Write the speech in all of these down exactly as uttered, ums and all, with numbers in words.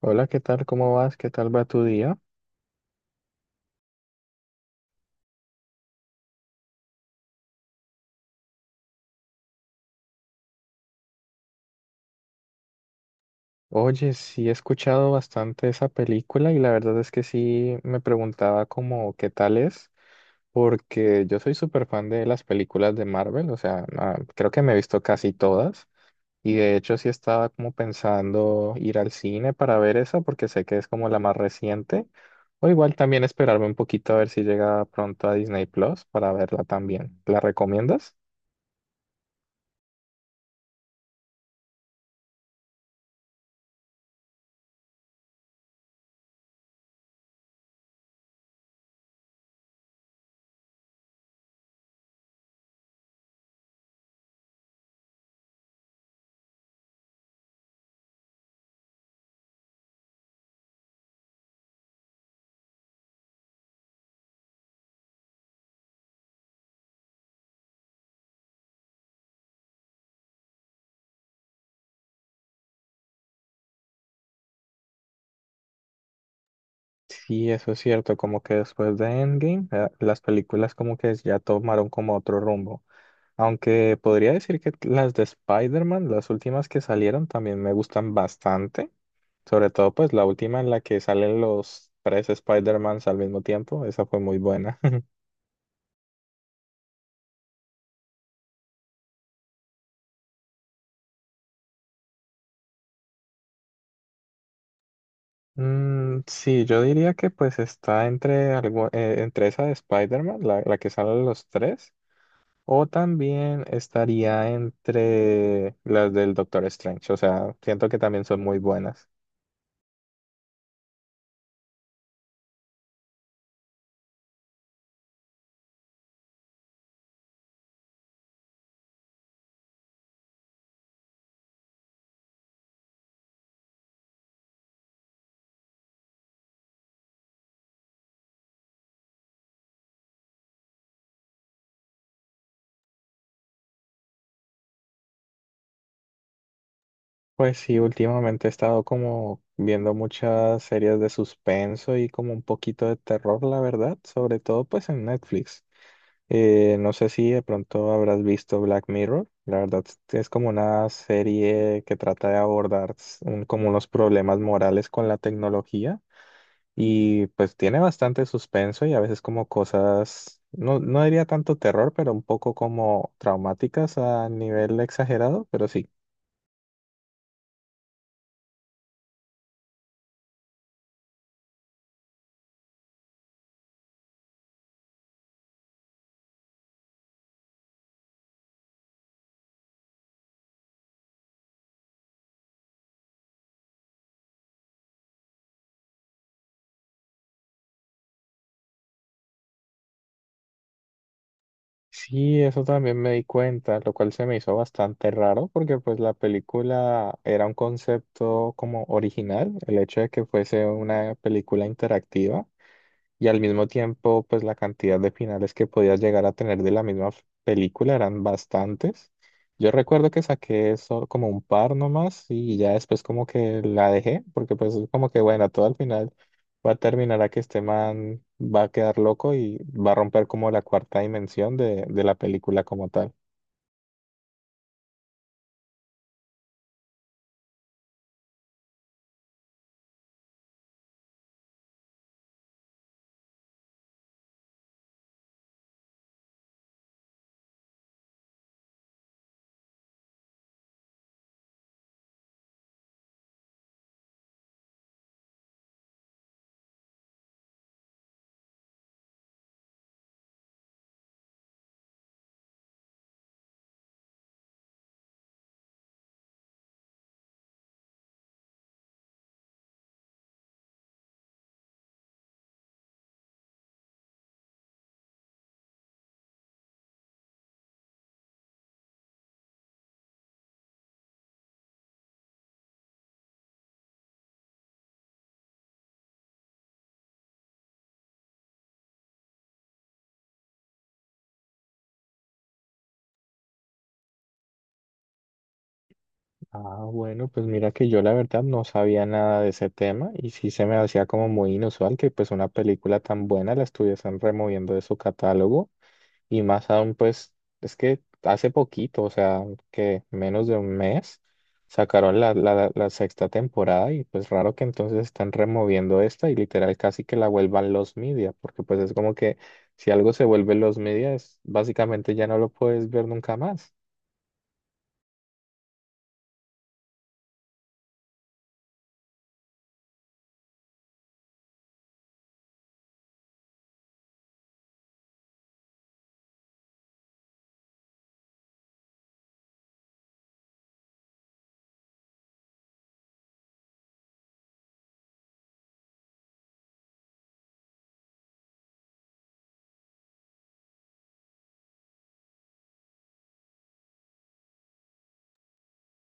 Hola, ¿qué tal? ¿Cómo vas? ¿Qué tal va tu día? Oye, sí he escuchado bastante esa película y la verdad es que sí me preguntaba como qué tal es, porque yo soy súper fan de las películas de Marvel, o sea, ah, creo que me he visto casi todas y de hecho sí estaba como pensando ir al cine para ver esa porque sé que es como la más reciente, o igual también esperarme un poquito a ver si llega pronto a Disney Plus para verla también. ¿La recomiendas? Sí, eso es cierto, como que después de Endgame, eh, las películas como que ya tomaron como otro rumbo. Aunque podría decir que las de Spider-Man, las últimas que salieron, también me gustan bastante. Sobre todo pues la última en la que salen los tres Spider-Mans al mismo tiempo, esa fue muy buena. Mm, sí, yo diría que pues está entre algo, eh, entre esa de Spider-Man, la, la que salen los tres. O también estaría entre las del Doctor Strange. O sea, siento que también son muy buenas. Pues sí, últimamente he estado como viendo muchas series de suspenso y como un poquito de terror, la verdad. Sobre todo pues en Netflix. Eh, no sé si de pronto habrás visto Black Mirror. La verdad es es como una serie que trata de abordar s- un- como unos problemas morales con la tecnología. Y pues tiene bastante suspenso y a veces como cosas, no, no diría tanto terror, pero un poco como traumáticas a nivel exagerado, pero sí. Sí, eso también me di cuenta, lo cual se me hizo bastante raro porque pues la película era un concepto como original, el hecho de que fuese una película interactiva. Y al mismo tiempo, pues la cantidad de finales que podías llegar a tener de la misma f- película eran bastantes. Yo recuerdo que saqué eso como un par nomás y ya después como que la dejé, porque pues es como que bueno, todo al final va a terminar a que este man va a quedar loco y va a romper como la cuarta dimensión de, de la película como tal. Ah, bueno, pues mira que yo la verdad no sabía nada de ese tema y sí se me hacía como muy inusual que pues una película tan buena la estuviesen removiendo de su catálogo. Y más aún, pues, es que hace poquito, o sea, que menos de un mes, sacaron la, la, la sexta temporada y pues raro que entonces están removiendo esta y literal casi que la vuelvan los media, porque pues es como que si algo se vuelve los media, es- básicamente ya no lo puedes ver nunca más.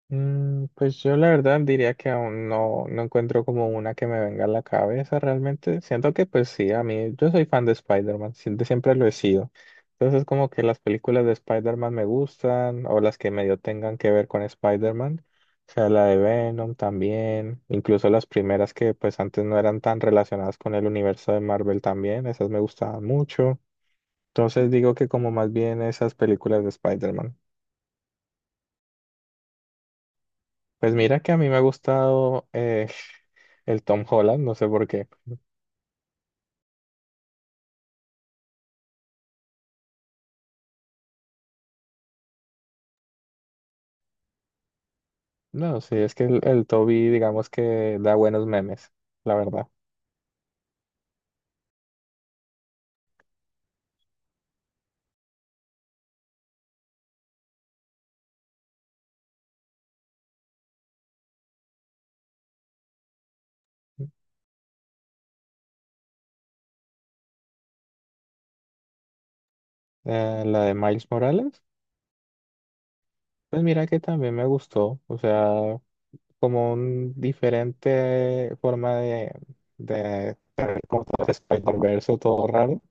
Mm, pues yo la verdad diría que aún no, no encuentro como una que me venga a la cabeza realmente. Siento que pues sí, a mí yo soy fan de Spider-Man, siempre, siempre lo he sido. Entonces como que las películas de Spider-Man me gustan o las que medio tengan que ver con Spider-Man, o sea, la de Venom también, incluso las primeras que pues antes no eran tan relacionadas con el universo de Marvel también, esas me gustaban mucho. Entonces digo que como más bien esas películas de Spider-Man. Pues mira que a mí me ha gustado eh, el Tom Holland, no sé por qué. No, sí, es que el, el Toby, digamos que da buenos memes, la verdad. Eh, la de Miles Morales, pues mira que también me gustó, o sea, como un diferente forma de, de, como todo Spider-Verse, todo raro.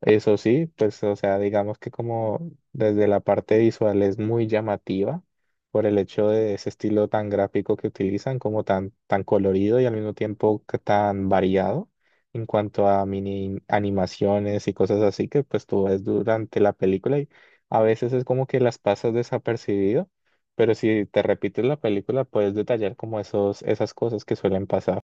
Eso sí, pues, o sea, digamos que como desde la parte visual es muy llamativa por el hecho de ese estilo tan gráfico que utilizan, como tan, tan colorido y al mismo tiempo que tan variado en cuanto a mini animaciones y cosas así que pues tú ves durante la película y a veces es como que las pasas desapercibido, pero si te repites la película puedes detallar como esos, esas cosas que suelen pasar.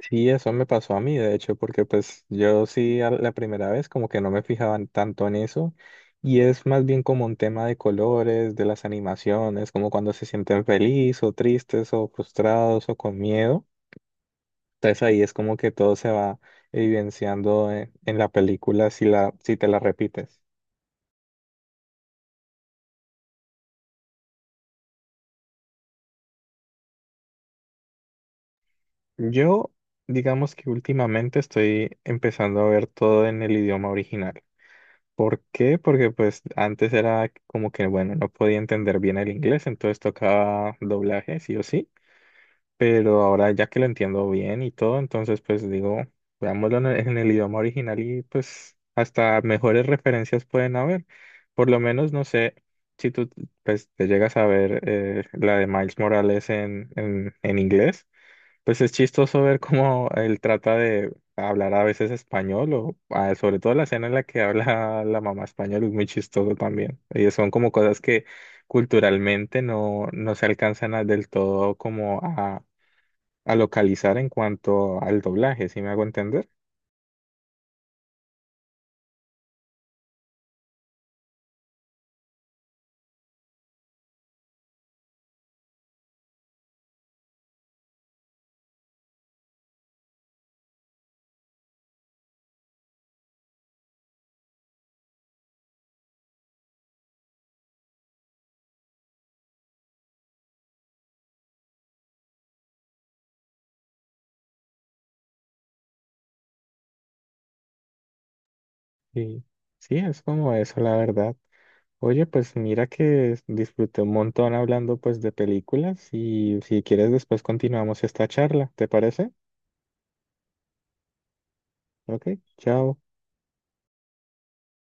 Sí, eso me pasó a mí, de hecho, porque pues yo sí a la primera vez como que no me fijaban tanto en eso y es más bien como un tema de colores, de las animaciones, como cuando se sienten felices o tristes o frustrados o con miedo. Entonces ahí es como que todo se va evidenciando en, en la película si la, si te la repites. Yo, digamos que últimamente estoy empezando a ver todo en el idioma original. ¿Por qué? Porque pues antes era como que, bueno, no podía entender bien el inglés, entonces tocaba doblaje, sí o sí, pero ahora ya que lo entiendo bien y todo, entonces pues digo, veámoslo en el, en el idioma original y pues hasta mejores referencias pueden haber. Por lo menos, no sé, si tú pues te llegas a ver eh, la de Miles Morales en, en, en inglés. Pues es chistoso ver cómo él trata de hablar a veces español o ah, sobre todo la escena en la que habla la mamá español es muy chistoso también. Y son como cosas que culturalmente no, no se alcanzan a- del todo como a, a localizar en cuanto al doblaje, ¿si me hago entender? Y sí, es como eso, la verdad. Oye, pues mira que disfruté un montón hablando pues de películas y si quieres después continuamos esta charla, ¿te parece? Ok, chao.